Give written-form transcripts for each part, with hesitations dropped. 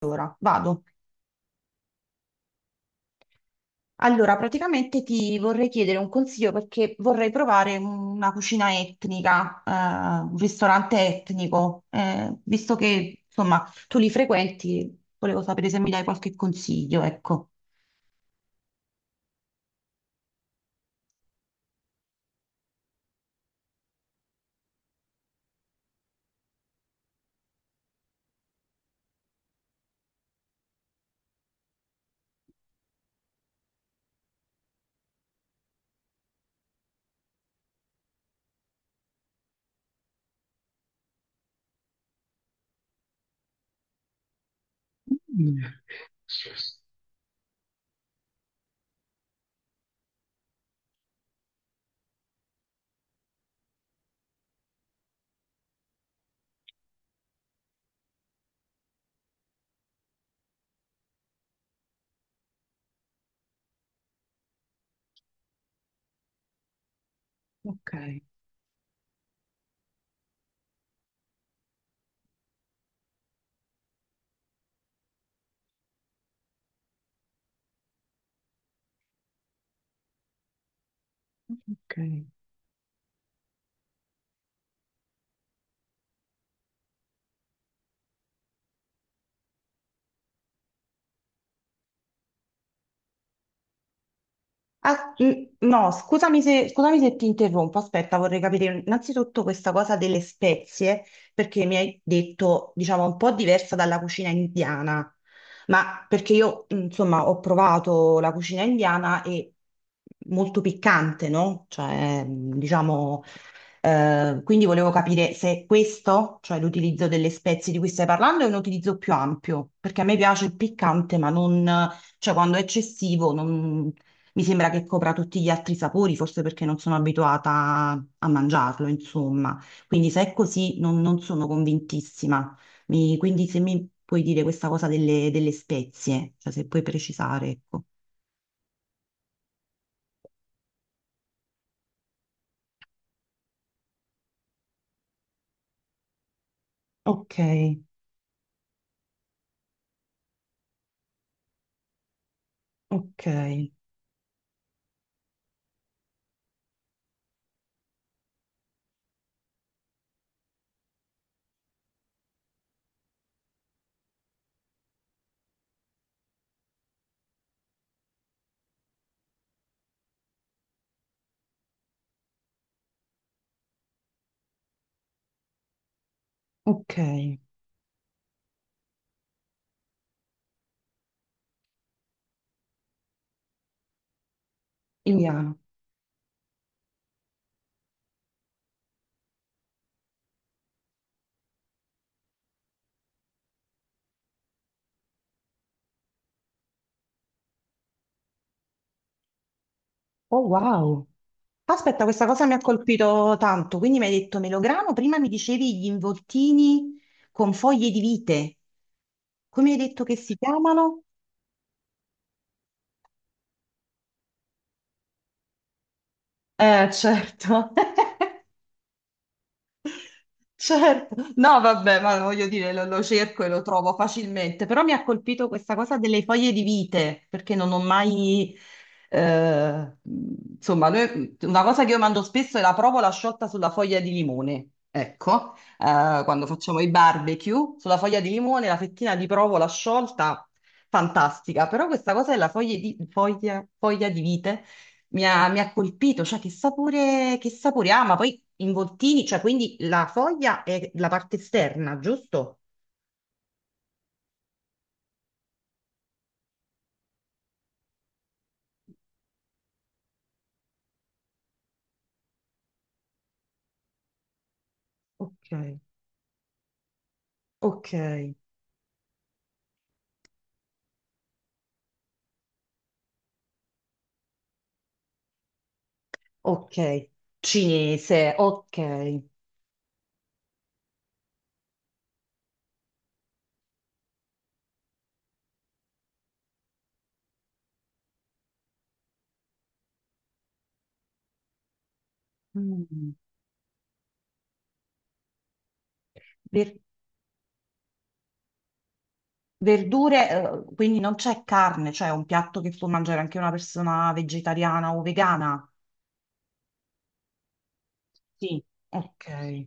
Allora, vado. Allora, praticamente ti vorrei chiedere un consiglio perché vorrei provare una cucina etnica, un ristorante etnico, visto che, insomma, tu li frequenti, volevo sapere se mi dai qualche consiglio, ecco. Ah, no, scusami se ti interrompo. Aspetta, vorrei capire innanzitutto questa cosa delle spezie, perché mi hai detto, diciamo, un po' diversa dalla cucina indiana. Ma perché io, insomma, ho provato la cucina indiana e molto piccante, no? Cioè, mm, diciamo, quindi volevo capire se questo, cioè l'utilizzo delle spezie di cui stai parlando, è un utilizzo più ampio, perché a me piace il piccante, ma non, cioè quando è eccessivo, non. Mi sembra che copra tutti gli altri sapori, forse perché non sono abituata a mangiarlo, insomma. Quindi se è così non sono convintissima. Quindi se mi puoi dire questa cosa delle spezie, cioè se puoi precisare, ecco. Ok, ok, ok. Indiano. Oh, wow. Aspetta, questa cosa mi ha colpito tanto, quindi mi hai detto melograno, prima mi dicevi gli involtini con foglie di vite, come hai detto che si chiamano? Certo. Certo, no, vabbè, ma voglio dire, lo cerco e lo trovo facilmente, però mi ha colpito questa cosa delle foglie di vite, perché non ho mai, eh, insomma, una cosa che io mando spesso è la provola sciolta sulla foglia di limone, ecco, quando facciamo i barbecue, sulla foglia di limone, la fettina di provola sciolta, fantastica, però questa cosa della foglia di vite mi ha colpito, cioè che sapore ha, ma poi involtini, cioè quindi la foglia è la parte esterna, giusto? Ok, ok, ok, cinese, ok. Mm. Ver- verdure, quindi non c'è carne, cioè è un piatto che può mangiare anche una persona vegetariana o vegana? Sì. Ok.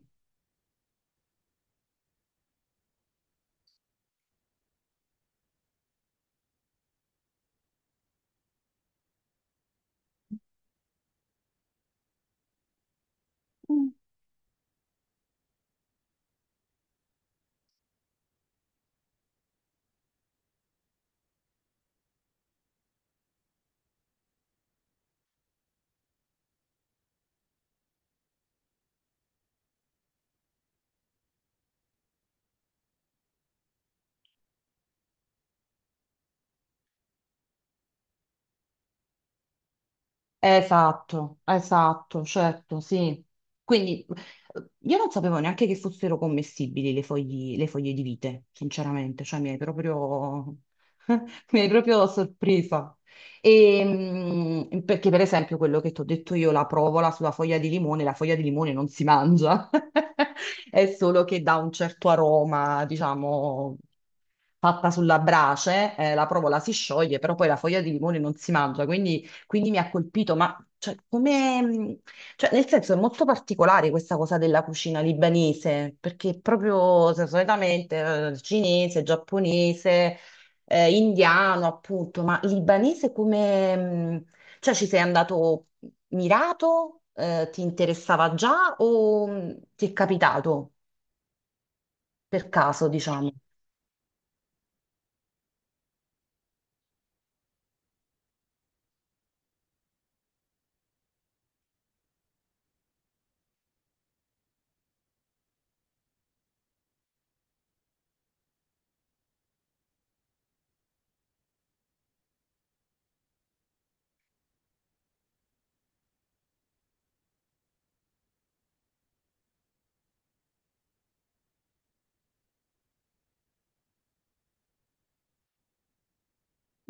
Esatto, esatto, certo, sì. Quindi io non sapevo neanche che fossero commestibili le le foglie di vite, sinceramente, cioè mi hai proprio, mi hai proprio sorpresa. E, mm, perché per esempio quello che ti ho detto io, la provola sulla foglia di limone, la foglia di limone non si mangia, è solo che dà un certo aroma, diciamo, fatta sulla brace, la provola si scioglie, però poi la foglia di limone non si mangia, quindi... Quindi mi ha colpito, ma cioè, come, cioè, nel senso è molto particolare questa cosa della cucina libanese, perché proprio se, solitamente cinese, giapponese, indiano, appunto, ma libanese come, cioè ci sei andato mirato, eh, ti interessava già o ti è capitato per caso, diciamo?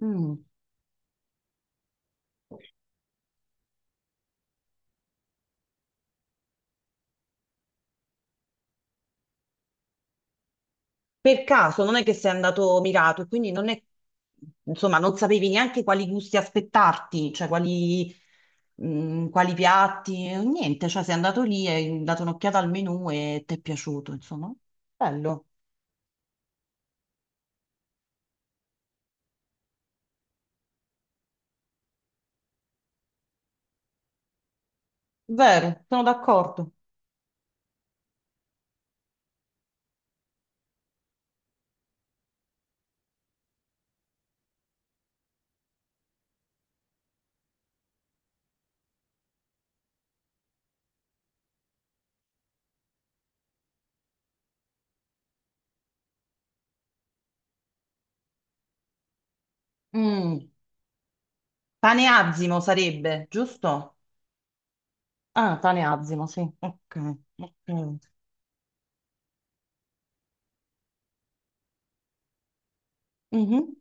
Mm, per caso, non è che sei andato mirato, e quindi non è, insomma, non sapevi neanche quali gusti aspettarti, cioè quali, quali piatti, niente, cioè sei andato lì, hai dato un'occhiata al menù e ti è piaciuto, insomma. Bello, vero, sono d'accordo. Mm. Pane azzimo sarebbe, giusto? Ah, pane azzimo, sì. Ok, ok. Mhm.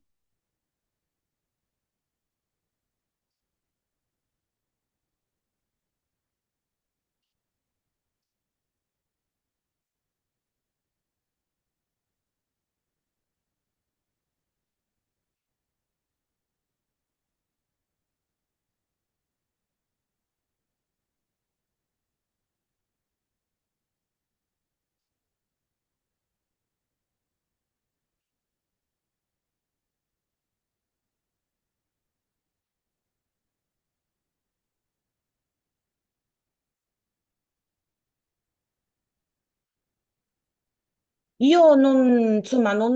Io non, insomma, non,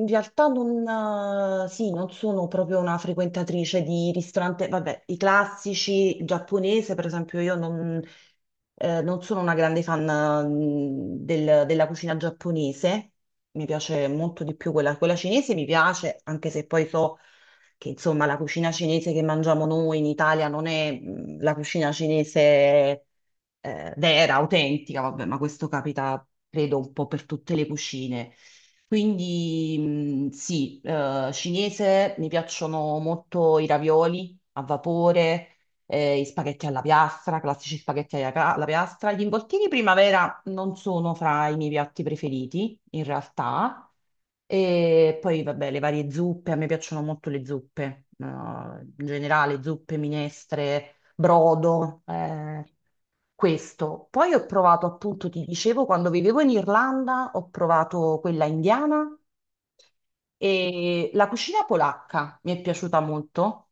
in realtà non, sì, non sono proprio una frequentatrice di ristorante, vabbè, i classici, il giapponese, per esempio, io non, non sono una grande fan, mm, della cucina giapponese, mi piace molto di più quella cinese, mi piace, anche se poi so che, insomma, la cucina cinese che mangiamo noi in Italia non è, mm, la cucina cinese vera, autentica, vabbè, ma questo capita, credo, un po' per tutte le cucine. Quindi sì, cinese mi piacciono molto i ravioli a vapore, i spaghetti alla piastra, classici spaghetti alla alla piastra. Gli involtini primavera non sono fra i miei piatti preferiti, in realtà. E poi, vabbè, le varie zuppe, a me piacciono molto le zuppe, in generale zuppe, minestre, brodo, questo. Poi ho provato, appunto, ti dicevo, quando vivevo in Irlanda, ho provato quella indiana e la cucina polacca mi è piaciuta molto,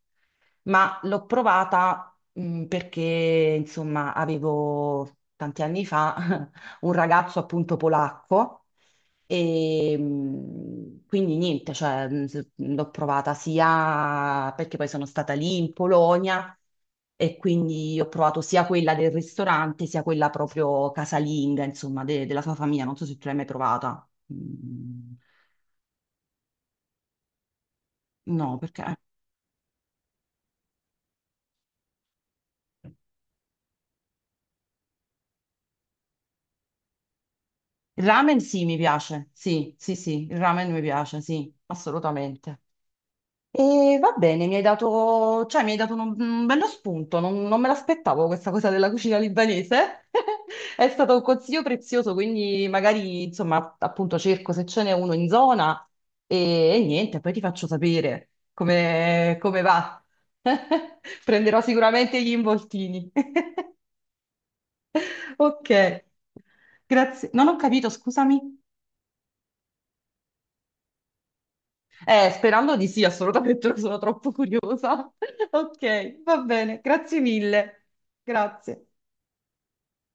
ma l'ho provata perché, insomma, avevo tanti anni fa un ragazzo appunto polacco e quindi niente, cioè, l'ho provata sia perché poi sono stata lì in Polonia e quindi ho provato sia quella del ristorante sia quella proprio casalinga, insomma, della sua famiglia. Non so se tu l'hai mai provata. Mm. No, perché il ramen sì, mi piace. Sì, sì, sì, il ramen mi piace, sì, assolutamente. E va bene, mi hai dato un bello spunto, non me l'aspettavo questa cosa della cucina libanese. È stato un consiglio prezioso, quindi magari, insomma, appunto cerco se ce n'è uno in zona e niente, poi ti faccio sapere come va. Prenderò sicuramente gli involtini. Ok, grazie. Non ho capito, scusami. Sperando di sì, assolutamente, sono troppo curiosa. Ok, va bene, grazie mille. Grazie.